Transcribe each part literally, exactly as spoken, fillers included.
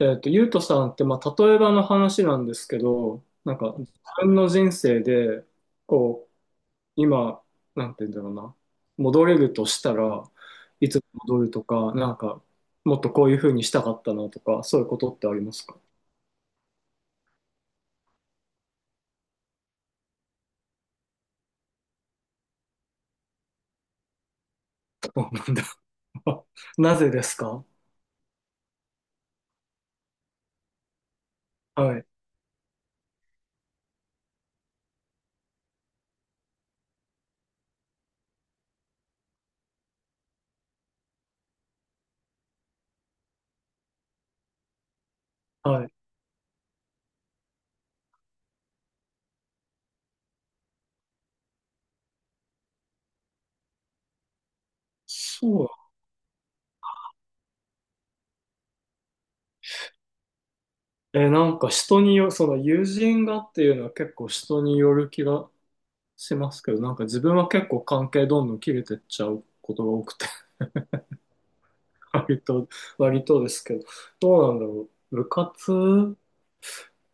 えっと、ゆうとさんって、まあ、例えばの話なんですけど、なんか、自分の人生で、こう、今、なんて言うんだろうな、戻れるとしたらいつ戻るとか、なんか、もっとこういうふうにしたかったなとか、そういうことってありますか？そうなんだ。なぜですか？はい、はい。そう。え、なんか人によ、その友人がっていうのは結構人による気がしますけど、なんか自分は結構関係どんどん切れてっちゃうことが多くて割と、割とですけど、どうなんだろう。部活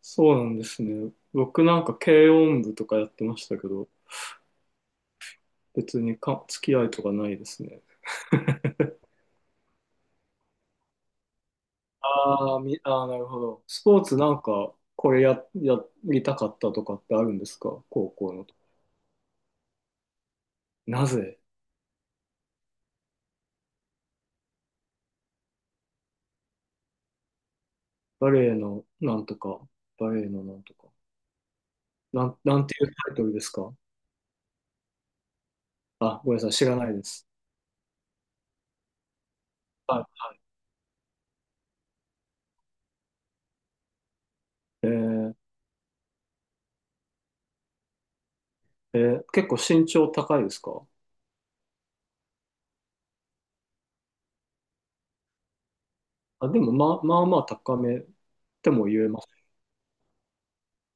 そうなんですね。僕なんか軽音部とかやってましたけど、別にか付き合いとかないですね。ああ、み、ああ、なるほど。スポーツなんか、これや、やりたかったとかってあるんですか高校の。なぜ？バレエのなんとか、バレエのなんとか。なん、なんていうタイトルですか？あ、ごめんなさい、知らないです。はい。えーえー結構身長高いですか？あ、でも、まあ、まあまあ高めとも言えます。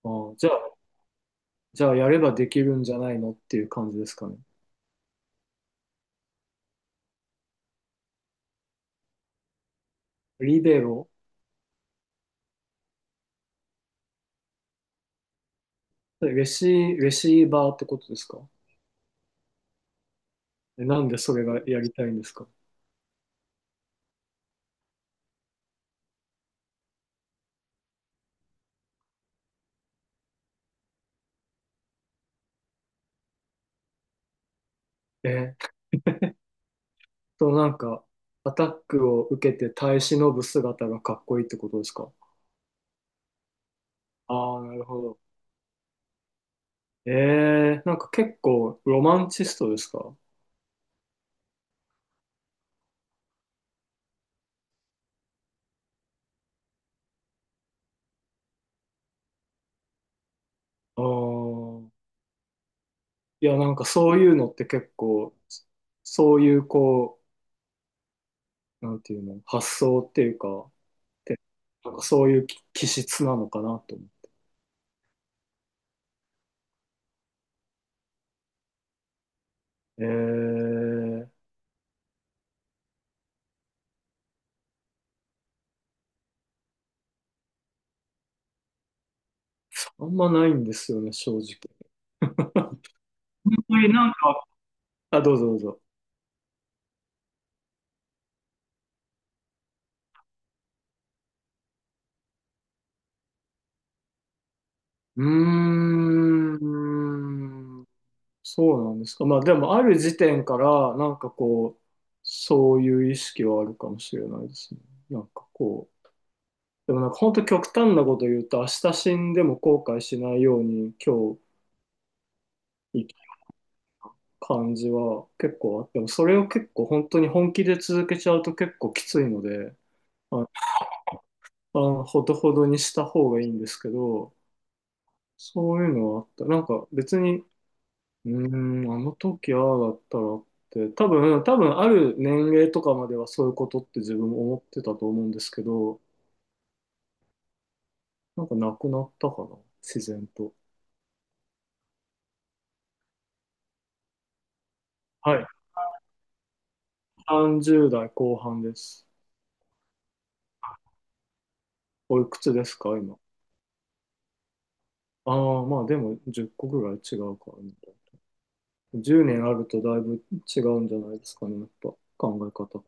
あー、じゃあ、じゃあやればできるんじゃないのっていう感じですかね。リベロ、レシ、レシーバーってことですか？えなんでそれがやりたいんですか？えと、なんか、アタックを受けて耐え忍ぶ姿がかっこいいってことですか？ああー、なるほど。えー、なんか結構ロマンチストですか？あーいや、なんかそういうのって結構、そういうこう、なんていうの、発想っていうか、て、なんかそういう気気質なのかなと思う。えー、あんまないんですよね、正直。あんまりなんか、あ、どうぞどうぞ。うーん、そうなんですか。まあでも、ある時点から、なんかこう、そういう意識はあるかもしれないですね。なんかこう、でもなんか本当極端なこと言うと、明日死んでも後悔しないように今日生感じは結構あっても、それを結構本当に本気で続けちゃうと結構きついので、ああほどほどにした方がいいんですけど、そういうのはあった。なんか別に、うーん、あの時ああだったらって、多分、多分ある年齢とかまではそういうことって自分も思ってたと思うんですけど、なんかなくなったかな、自然と。はい。さんじゅう代後半です。おいくつですか、今。ああ、まあでもじゅっこぐらい違うからね。じゅうねんあるとだいぶ違うんじゃないですかね、やっぱ考え方。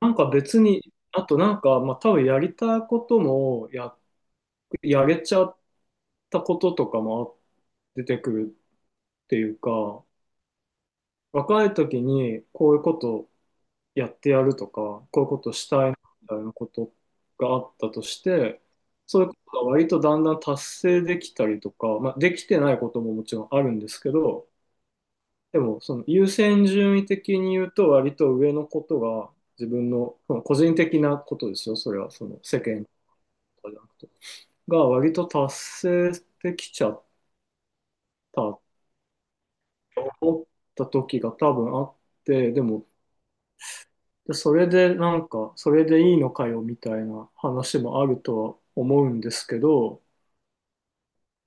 なんか別に、あとなんか、まあ多分やりたいこともや、やれちゃったこととかも出てくるっていうか、若い時にこういうことやってやるとか、こういうことしたいみたいなことがあったとして、そういうことが割とだんだん達成できたりとか、まあできてないことももちろんあるんですけど、でも、その優先順位的に言うと、割と上のことが、自分の、その個人的なことですよ、それは、その世間とかじゃなくて、が割と達成できちゃったと思った時が多分あって、でも、それでなんか、それでいいのかよみたいな話もあるとは思うんですけど、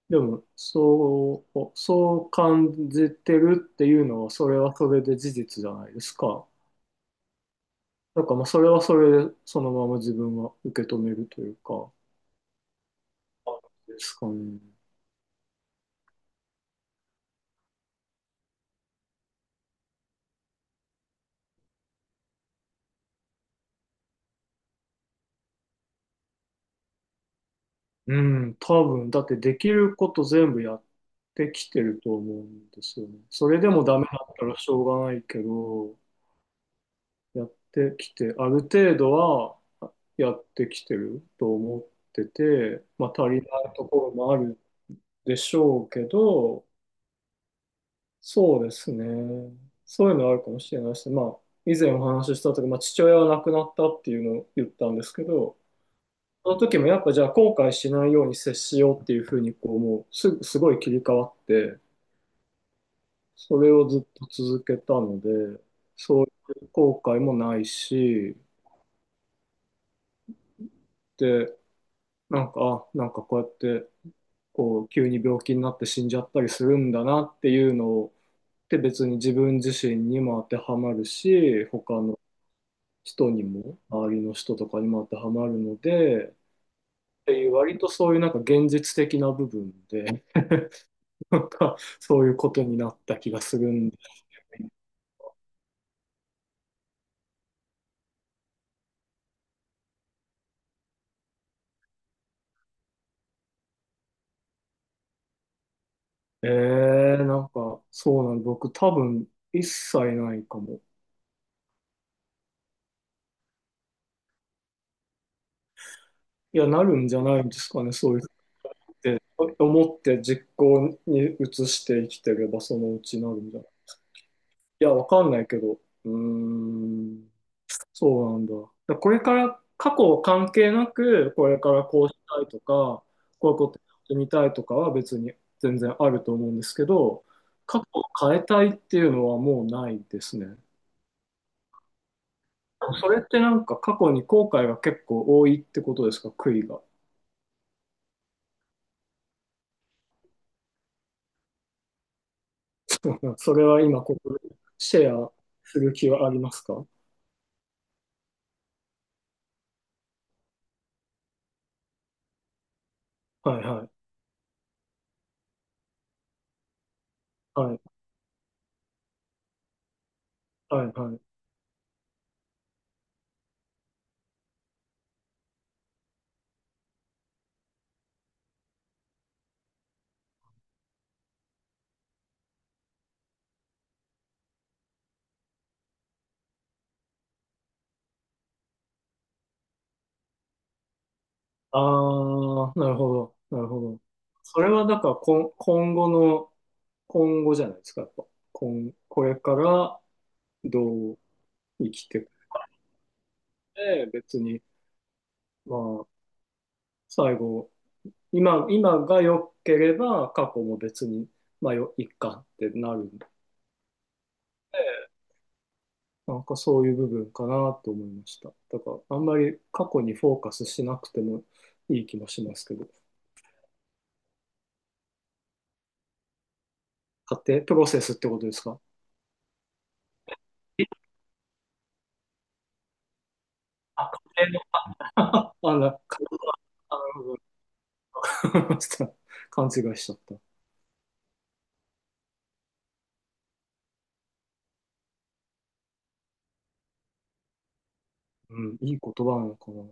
でも、そう、そう感じてるっていうのは、それはそれで事実じゃないですか。なんかまあそれはそれでそのまま自分は受け止めるというか、ですかね。うん、多分、だってできること全部やってきてると思うんですよね。それでもダメだったらしょうがないけど、やってきて、ある程度はやってきてると思ってて、まあ足りないところもあるでしょうけど、そうですね。そういうのあるかもしれないし、まあ、以前お話しした時、まあ、父親は亡くなったっていうのを言ったんですけど、その時もやっぱじゃあ後悔しないように接しようっていうふうに、こう、もうす、すごい切り替わって、それをずっと続けたので、そういう後悔もないし、で、なんか、あ、なんかこうやって、こう、急に病気になって死んじゃったりするんだなっていうのを、で別に自分自身にも当てはまるし、他の人にも、周りの人とかにも当てはまるので、っていう割とそういうなんか現実的な部分で、なんかそういうことになった気がするんで。えー、なんかそうなの、僕多分一切ないかも。いや、なるんじゃないんですかね、そういうって思って実行に移して生きてればそのうちなるんじゃない。いや、わかんないけど、うーん。そうなんだ。だからこれから過去関係なく、これからこうしたいとか、こういうことやってみたいとかは別に全然あると思うんですけど、過去を変えたいっていうのはもうないですね。それってなんか過去に後悔が結構多いってことですか、悔いが。それは今ここでシェアする気はありますか？はいはい。はいはいはい。ああ、なるほど、なるほど。それはだから今、今後の、今後じゃないですか、やっぱ。今、これからどう生きていくで、別に、まあ、最後、今、今が良ければ過去も別に、まあ、よ、いっかってなるんで、なんかそういう部分かなと思いました。だから、あんまり過去にフォーカスしなくてもいい気もしますけど、家庭、プロセスってことですか？あ、家庭の、あ、な、家あ、なるほど。ちょっと勘違いしちゃった。うん、いい言葉なのかな。